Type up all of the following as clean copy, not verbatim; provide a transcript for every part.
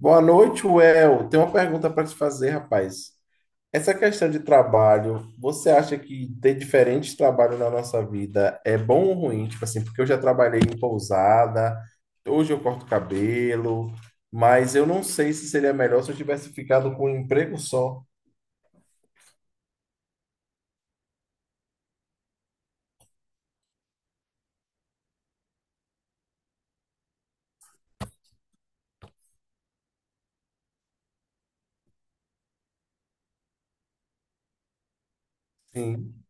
Boa noite, Well. Tenho uma pergunta para te fazer, rapaz. Essa questão de trabalho, você acha que ter diferentes trabalhos na nossa vida é bom ou ruim? Tipo assim, porque eu já trabalhei em pousada, hoje eu corto cabelo, mas eu não sei se seria melhor se eu tivesse ficado com um emprego só. Sim.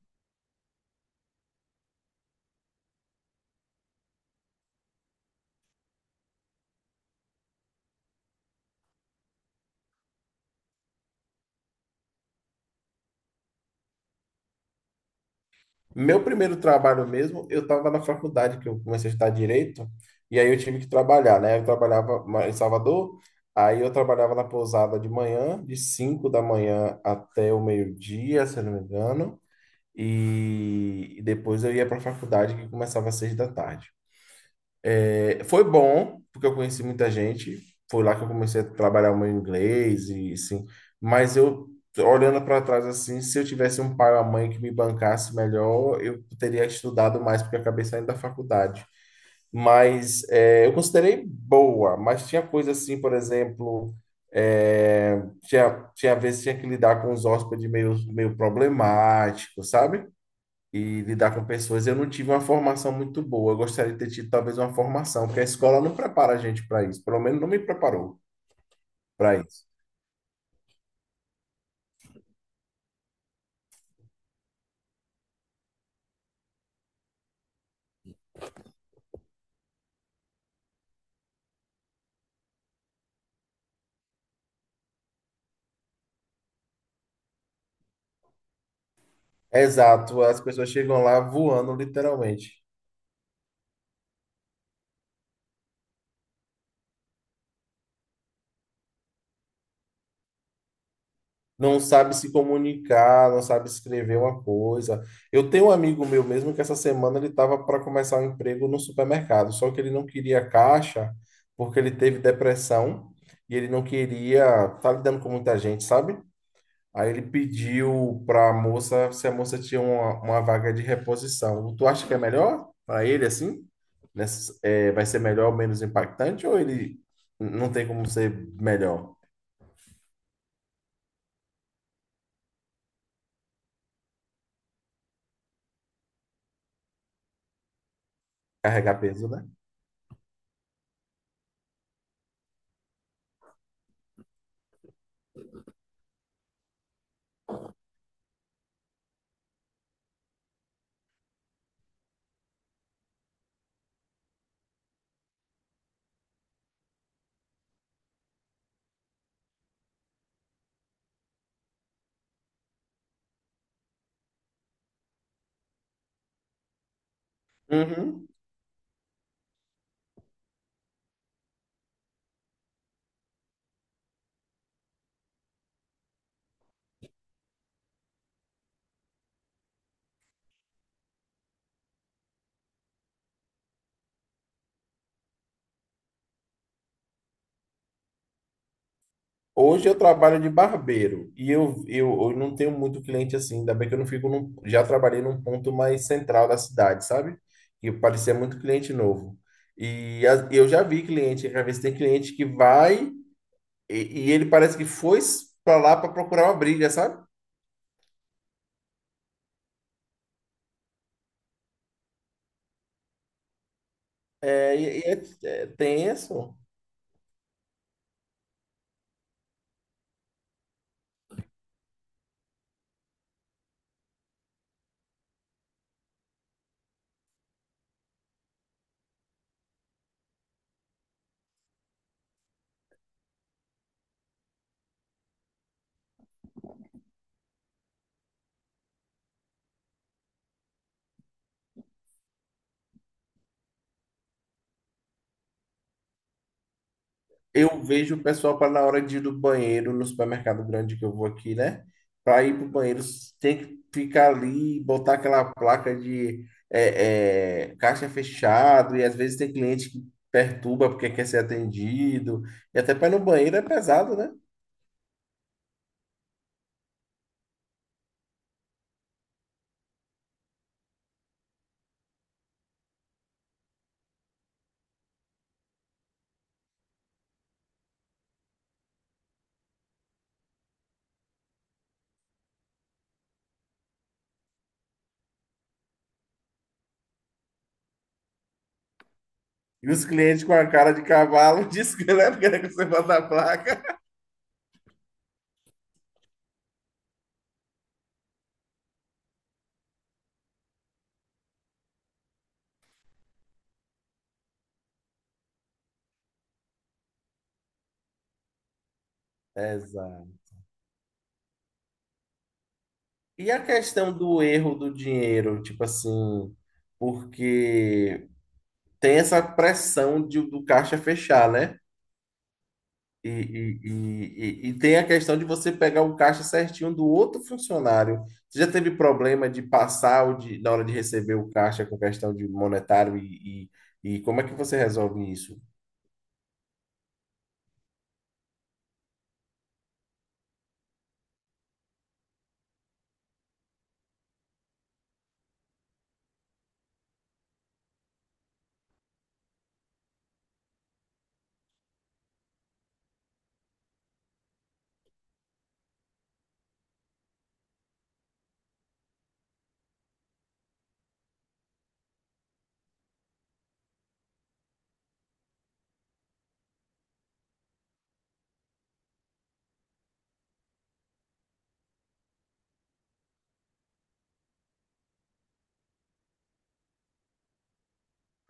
Meu primeiro trabalho mesmo, eu estava na faculdade, que eu comecei a estudar direito, e aí eu tive que trabalhar, né? Eu trabalhava em Salvador, aí eu trabalhava na pousada de manhã, de 5 da manhã até o meio-dia, se eu não me engano, e depois eu ia para a faculdade, que começava às 6 da tarde. Foi bom, porque eu conheci muita gente. Foi lá que eu comecei a trabalhar o meu inglês e assim. Mas eu, olhando para trás assim, se eu tivesse um pai ou uma mãe que me bancasse melhor, eu teria estudado mais, porque eu acabei saindo da faculdade. Mas é, eu considerei boa, mas tinha coisa assim, por exemplo, tinha vezes que tinha que lidar com os hóspedes meio problemáticos, sabe? E lidar com pessoas. Eu não tive uma formação muito boa. Eu gostaria de ter tido talvez uma formação, porque a escola não prepara a gente para isso. Pelo menos não me preparou para isso. Exato, as pessoas chegam lá voando, literalmente. Não sabe se comunicar, não sabe escrever uma coisa. Eu tenho um amigo meu mesmo que essa semana ele estava para começar um emprego no supermercado, só que ele não queria caixa porque ele teve depressão e ele não queria estar lidando com muita gente, sabe? Aí ele pediu para a moça se a moça tinha uma vaga de reposição. Tu acha que é melhor para ele assim? É, vai ser melhor ou menos impactante? Ou ele não tem como ser melhor? Carregar peso, né? Uhum. Hoje eu trabalho de barbeiro e eu não tenho muito cliente assim, ainda bem que eu não fico num, já trabalhei num ponto mais central da cidade, sabe? E parecia muito cliente novo. E eu já vi cliente, às vezes tem cliente que vai. E, ele parece que foi pra lá pra procurar uma briga, sabe? É tenso. Eu vejo o pessoal para na hora de ir do banheiro no supermercado grande que eu vou aqui, né? Para ir pro banheiro, tem que ficar ali, botar aquela placa de caixa fechado, e às vezes tem cliente que perturba porque quer ser atendido. E até para ir no banheiro é pesado, né? E os clientes com a cara de cavalo dizem que não é porque você bota a placa. Exato. E a questão do erro do dinheiro, tipo assim, porque tem essa pressão do caixa fechar, né? E tem a questão de você pegar o caixa certinho do outro funcionário. Você já teve problema de passar na hora de receber o caixa com questão de monetário e como é que você resolve isso?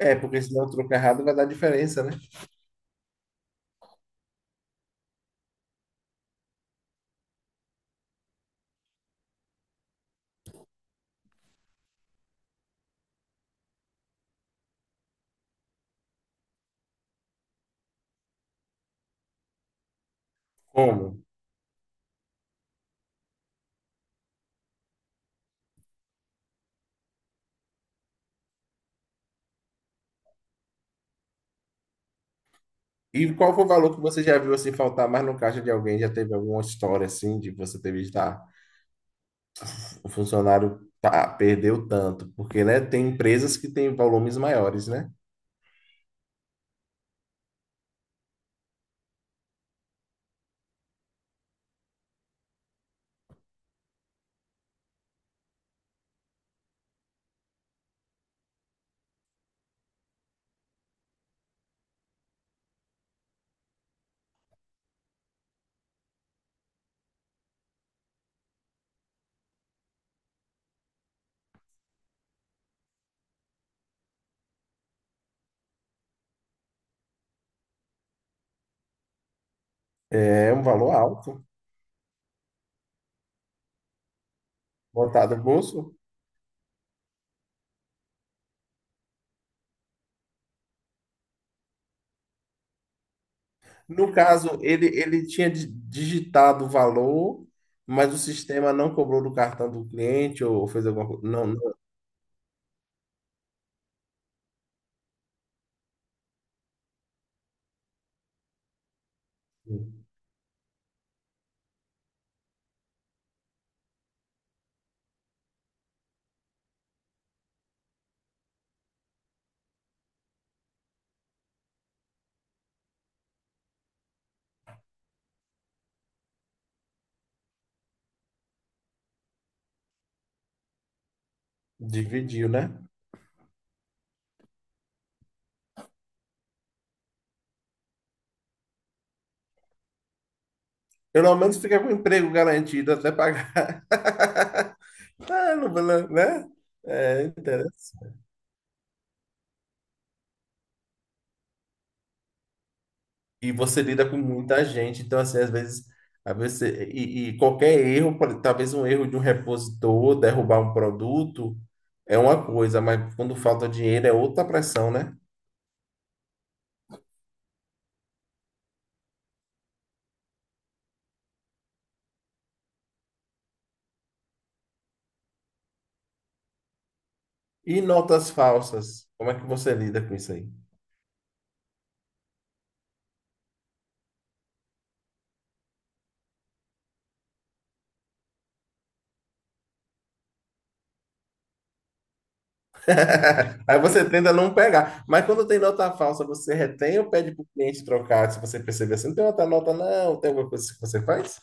É, porque se der um troco errado vai dar diferença, né? Como? E qual foi o valor que você já viu assim faltar mais no caixa de alguém? Já teve alguma história assim de você ter visto? Ah, o funcionário tá, perdeu tanto, porque, né, tem empresas que têm volumes maiores, né? É um valor alto, botado no bolso. No caso, ele tinha digitado o valor, mas o sistema não cobrou do cartão do cliente ou fez alguma coisa. Não, não, dividiu, né? Pelo menos fica com o emprego garantido até pagar. Ah, não, vou lá, né? É interessante. E você lida com muita gente, então assim, às vezes e qualquer erro, talvez um erro de um repositor, derrubar um produto, é uma coisa, mas quando falta dinheiro é outra pressão, né? E notas falsas, como é que você lida com isso aí? Aí você tenta não pegar, mas quando tem nota falsa, você retém ou pede para o cliente trocar, se você perceber assim, não tem outra nota não, tem alguma coisa que você faz?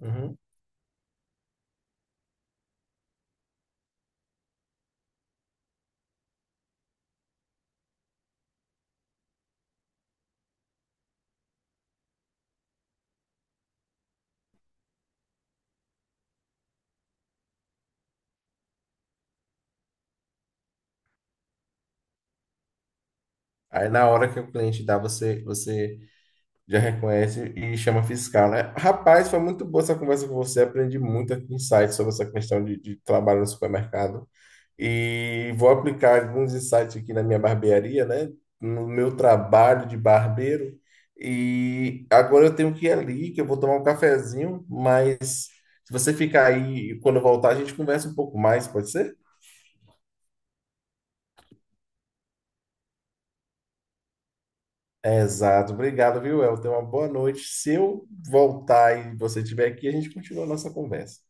Uhum. Aí na hora que o cliente dá, você já reconhece e chama fiscal, né? Rapaz, foi muito boa essa conversa com você. Aprendi muito aqui insights sobre essa questão de trabalho no supermercado. E vou aplicar alguns insights aqui na minha barbearia, né? No meu trabalho de barbeiro. E agora eu tenho que ir ali, que eu vou tomar um cafezinho. Mas se você ficar aí, quando eu voltar, a gente conversa um pouco mais, pode ser? Exato, obrigado, viu, El? Tenha uma boa noite. Se eu voltar e você estiver aqui, a gente continua a nossa conversa.